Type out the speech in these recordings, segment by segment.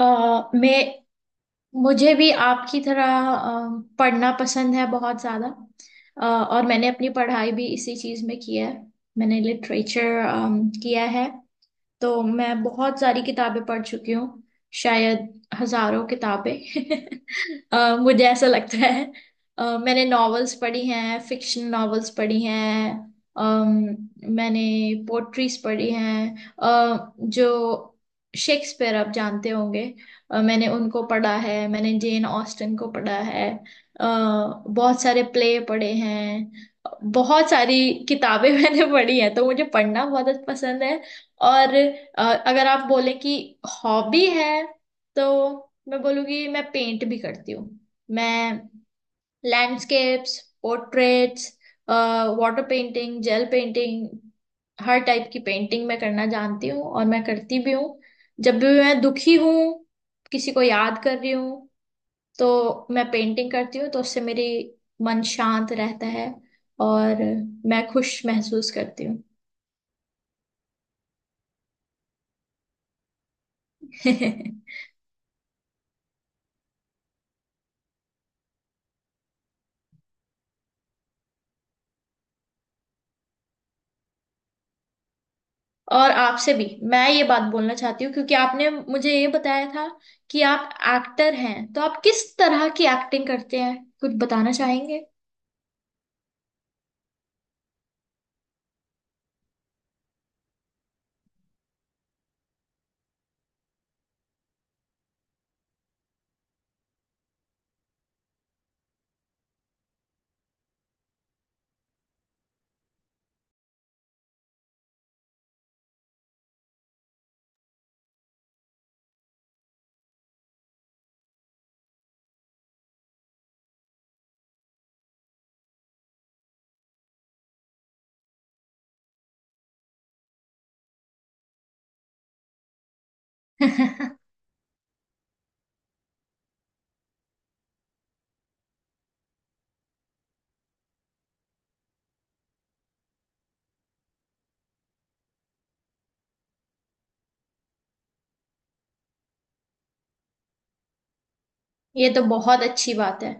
अ, मैं मुझे भी आपकी तरह पढ़ना पसंद है बहुत ज़्यादा। और मैंने अपनी पढ़ाई भी इसी चीज़ में की है। मैंने लिटरेचर किया है, तो मैं बहुत सारी किताबें पढ़ चुकी हूँ, शायद हजारों किताबें। मुझे ऐसा लगता है। मैंने नॉवेल्स पढ़ी हैं, फिक्शन नॉवेल्स पढ़ी हैं। अम, मैंने पोट्रीज पढ़ी हैं। जो शेक्सपियर, आप जानते होंगे, मैंने उनको पढ़ा है। मैंने जेन ऑस्टन को पढ़ा है। अ, बहुत सारे प्ले पढ़े हैं, बहुत सारी किताबें मैंने पढ़ी हैं। तो मुझे पढ़ना बहुत पसंद है। और अगर आप बोले कि हॉबी है, तो मैं बोलूँगी मैं पेंट भी करती हूँ। मैं landscapes, portraits, water painting, gel painting, हर टाइप की पेंटिंग मैं करना जानती हूँ, और मैं करती भी हूँ। जब भी मैं दुखी हूँ, किसी को याद कर रही हूँ, तो मैं पेंटिंग करती हूँ, तो उससे मेरी मन शांत रहता है, और मैं खुश महसूस करती हूँ। और आपसे भी मैं ये बात बोलना चाहती हूँ, क्योंकि आपने मुझे ये बताया था कि आप एक्टर हैं, तो आप किस तरह की एक्टिंग करते हैं, कुछ बताना चाहेंगे। ये तो बहुत अच्छी बात है।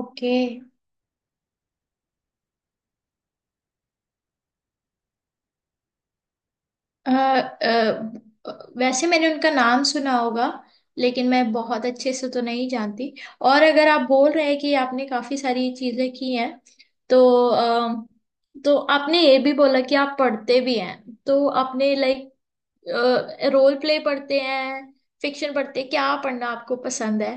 ओके। अ, अ, वैसे मैंने उनका नाम सुना होगा, लेकिन मैं बहुत अच्छे से तो नहीं जानती। और अगर आप बोल रहे हैं कि आपने काफी सारी चीजें की हैं, तो अ, तो आपने ये भी बोला कि आप पढ़ते भी हैं, तो आपने, लाइक, रोल प्ले पढ़ते हैं, फिक्शन पढ़ते हैं, क्या पढ़ना आपको पसंद है।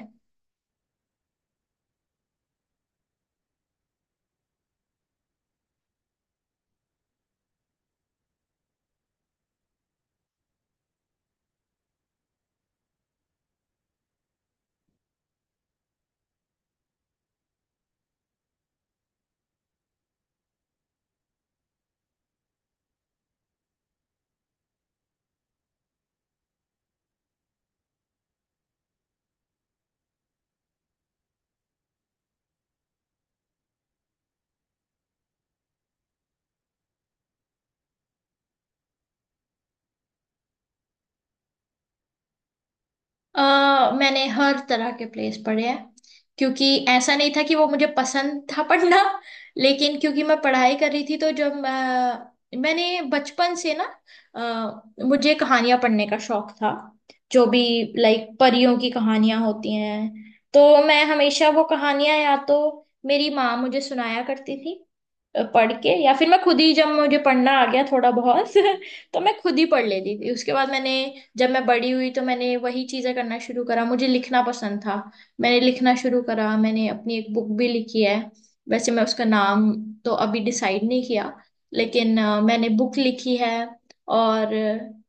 अ मैंने हर तरह के प्लेस पढ़े हैं, क्योंकि ऐसा नहीं था कि वो मुझे पसंद था पढ़ना, लेकिन क्योंकि मैं पढ़ाई कर रही थी। तो जब मैंने बचपन से ना, अ, मुझे कहानियां पढ़ने का शौक था। जो भी, लाइक, परियों की कहानियां होती हैं, तो मैं हमेशा वो कहानियां या तो मेरी माँ मुझे सुनाया करती थी, पढ़ के, या फिर मैं खुद ही, जब मुझे पढ़ना आ गया थोड़ा बहुत तो मैं खुद ही पढ़ लेती थी। उसके बाद मैंने, जब मैं बड़ी हुई, तो मैंने वही चीजें करना शुरू करा। मुझे लिखना पसंद था, मैंने लिखना शुरू करा। मैंने अपनी एक बुक भी लिखी है। वैसे मैं उसका नाम तो अभी डिसाइड नहीं किया, लेकिन मैंने बुक लिखी है। और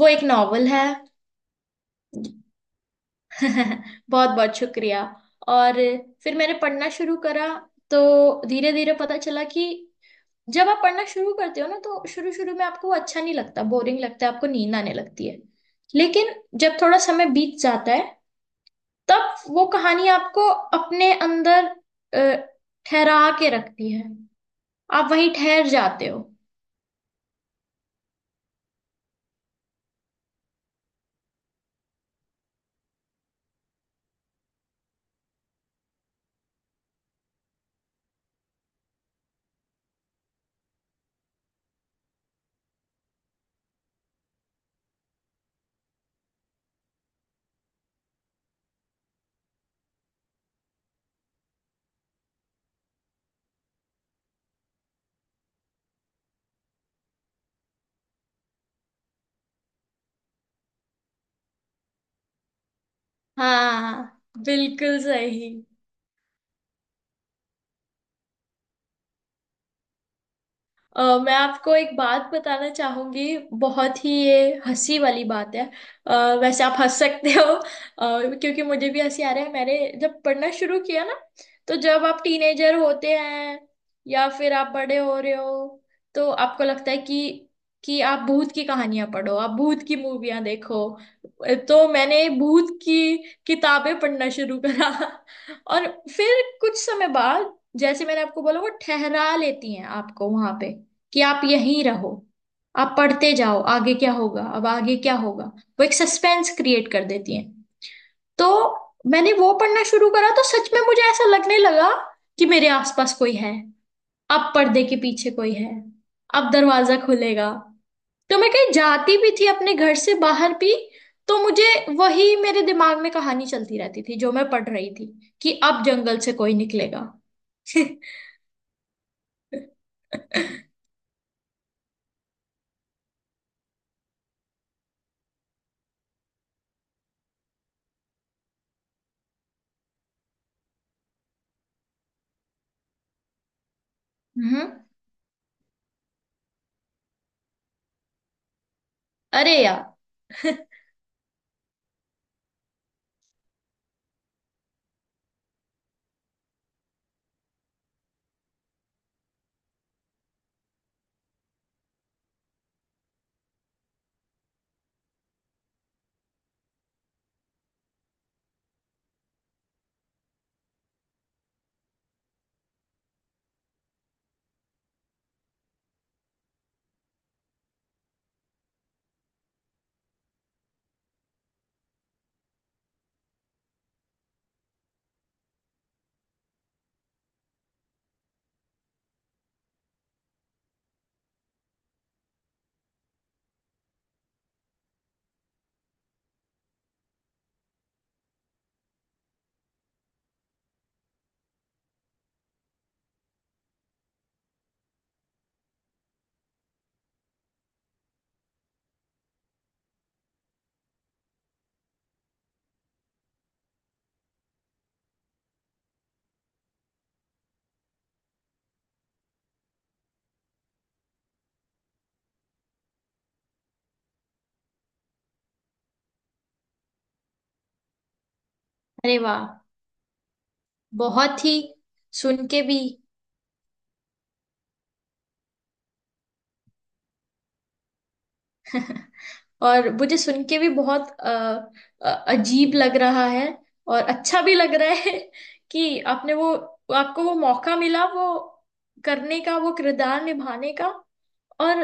वो एक नॉवल है। बहुत बहुत शुक्रिया। और फिर मैंने पढ़ना शुरू करा, तो धीरे धीरे पता चला कि जब आप पढ़ना शुरू करते हो ना, तो शुरू शुरू में आपको वो अच्छा नहीं लगता, बोरिंग लगता है, आपको नींद आने लगती है। लेकिन जब थोड़ा समय बीत जाता है, तब वो कहानी आपको अपने अंदर अ, ठहरा के रखती है। आप वहीं ठहर जाते हो। हाँ, बिल्कुल सही। मैं आपको एक बात बताना चाहूंगी, बहुत ही ये हंसी वाली बात है। अ, वैसे आप हंस सकते हो, क्योंकि मुझे भी हंसी आ रहा है। मैंने जब पढ़ना शुरू किया ना, तो जब आप टीनेजर होते हैं, या फिर आप बड़े हो रहे हो, तो आपको लगता है कि आप भूत की कहानियां पढ़ो, आप भूत की मूवियां देखो। तो मैंने भूत की किताबें पढ़ना शुरू करा। और फिर कुछ समय बाद, जैसे मैंने आपको बोला, वो ठहरा लेती हैं आपको वहां पे, कि आप यहीं रहो, आप पढ़ते जाओ, आगे क्या होगा, अब आगे क्या होगा। वो एक सस्पेंस क्रिएट कर देती हैं। तो मैंने वो पढ़ना शुरू करा, तो सच में मुझे ऐसा लगने लगा कि मेरे आसपास कोई है, अब पर्दे के पीछे कोई है, अब दरवाजा खुलेगा। तो मैं कहीं जाती भी थी अपने घर से बाहर भी, तो मुझे वही मेरे दिमाग में कहानी चलती रहती थी जो मैं पढ़ रही थी, कि अब जंगल से कोई निकलेगा। हम्म। अरे यार। अरे वाह, बहुत ही, सुन के भी। और मुझे सुन के भी बहुत अ, अजीब लग रहा है, और अच्छा भी लग रहा है, कि आपने वो, आपको वो मौका मिला, वो करने का, वो किरदार निभाने का। और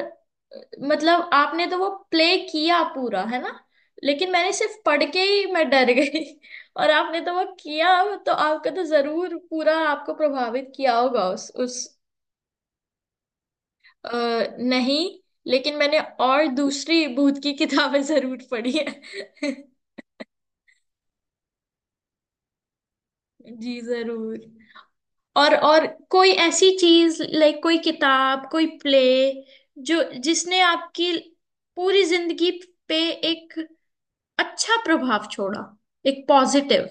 मतलब आपने तो वो प्ले किया पूरा है ना, लेकिन मैंने सिर्फ पढ़ के ही मैं डर गई। और आपने तो वो किया, तो आपका तो जरूर पूरा आपको प्रभावित किया होगा उस उस। नहीं, लेकिन मैंने और दूसरी भूत की किताबें जरूर पढ़ी है। जी जरूर। और कोई ऐसी चीज, लाइक, कोई किताब, कोई प्ले, जो जिसने आपकी पूरी जिंदगी पे एक अच्छा प्रभाव छोड़ा, एक पॉजिटिव,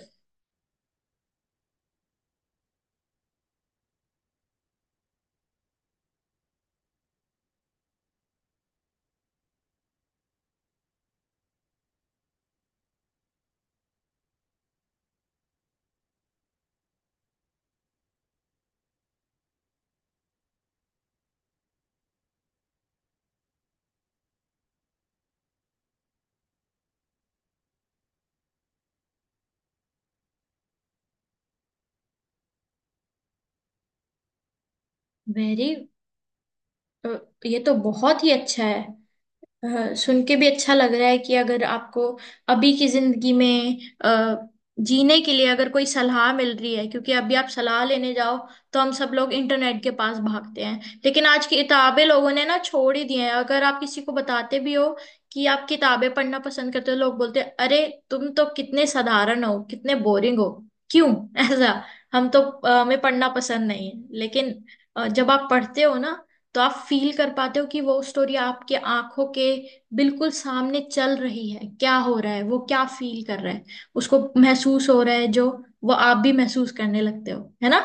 वेरी। ये तो बहुत ही अच्छा है। सुन के भी अच्छा लग रहा है, कि अगर आपको अभी की जिंदगी में अ, जीने के लिए अगर कोई सलाह मिल रही है, क्योंकि अभी आप सलाह लेने जाओ, तो हम सब लोग इंटरनेट के पास भागते हैं। लेकिन आज की किताबें लोगों ने ना छोड़ ही दी हैं। अगर आप किसी को बताते भी हो कि आप किताबें पढ़ना पसंद करते हो, तो लोग बोलते हैं, अरे तुम तो कितने साधारण हो, कितने बोरिंग हो, क्यों। ऐसा, हम तो, हमें पढ़ना पसंद नहीं है। लेकिन जब आप पढ़ते हो ना, तो आप फील कर पाते हो कि वो स्टोरी आपके आंखों के बिल्कुल सामने चल रही है, क्या हो रहा है, वो क्या फील कर रहा है, उसको महसूस हो रहा है, जो वो आप भी महसूस करने लगते हो, है ना।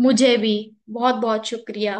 मुझे भी, बहुत बहुत शुक्रिया।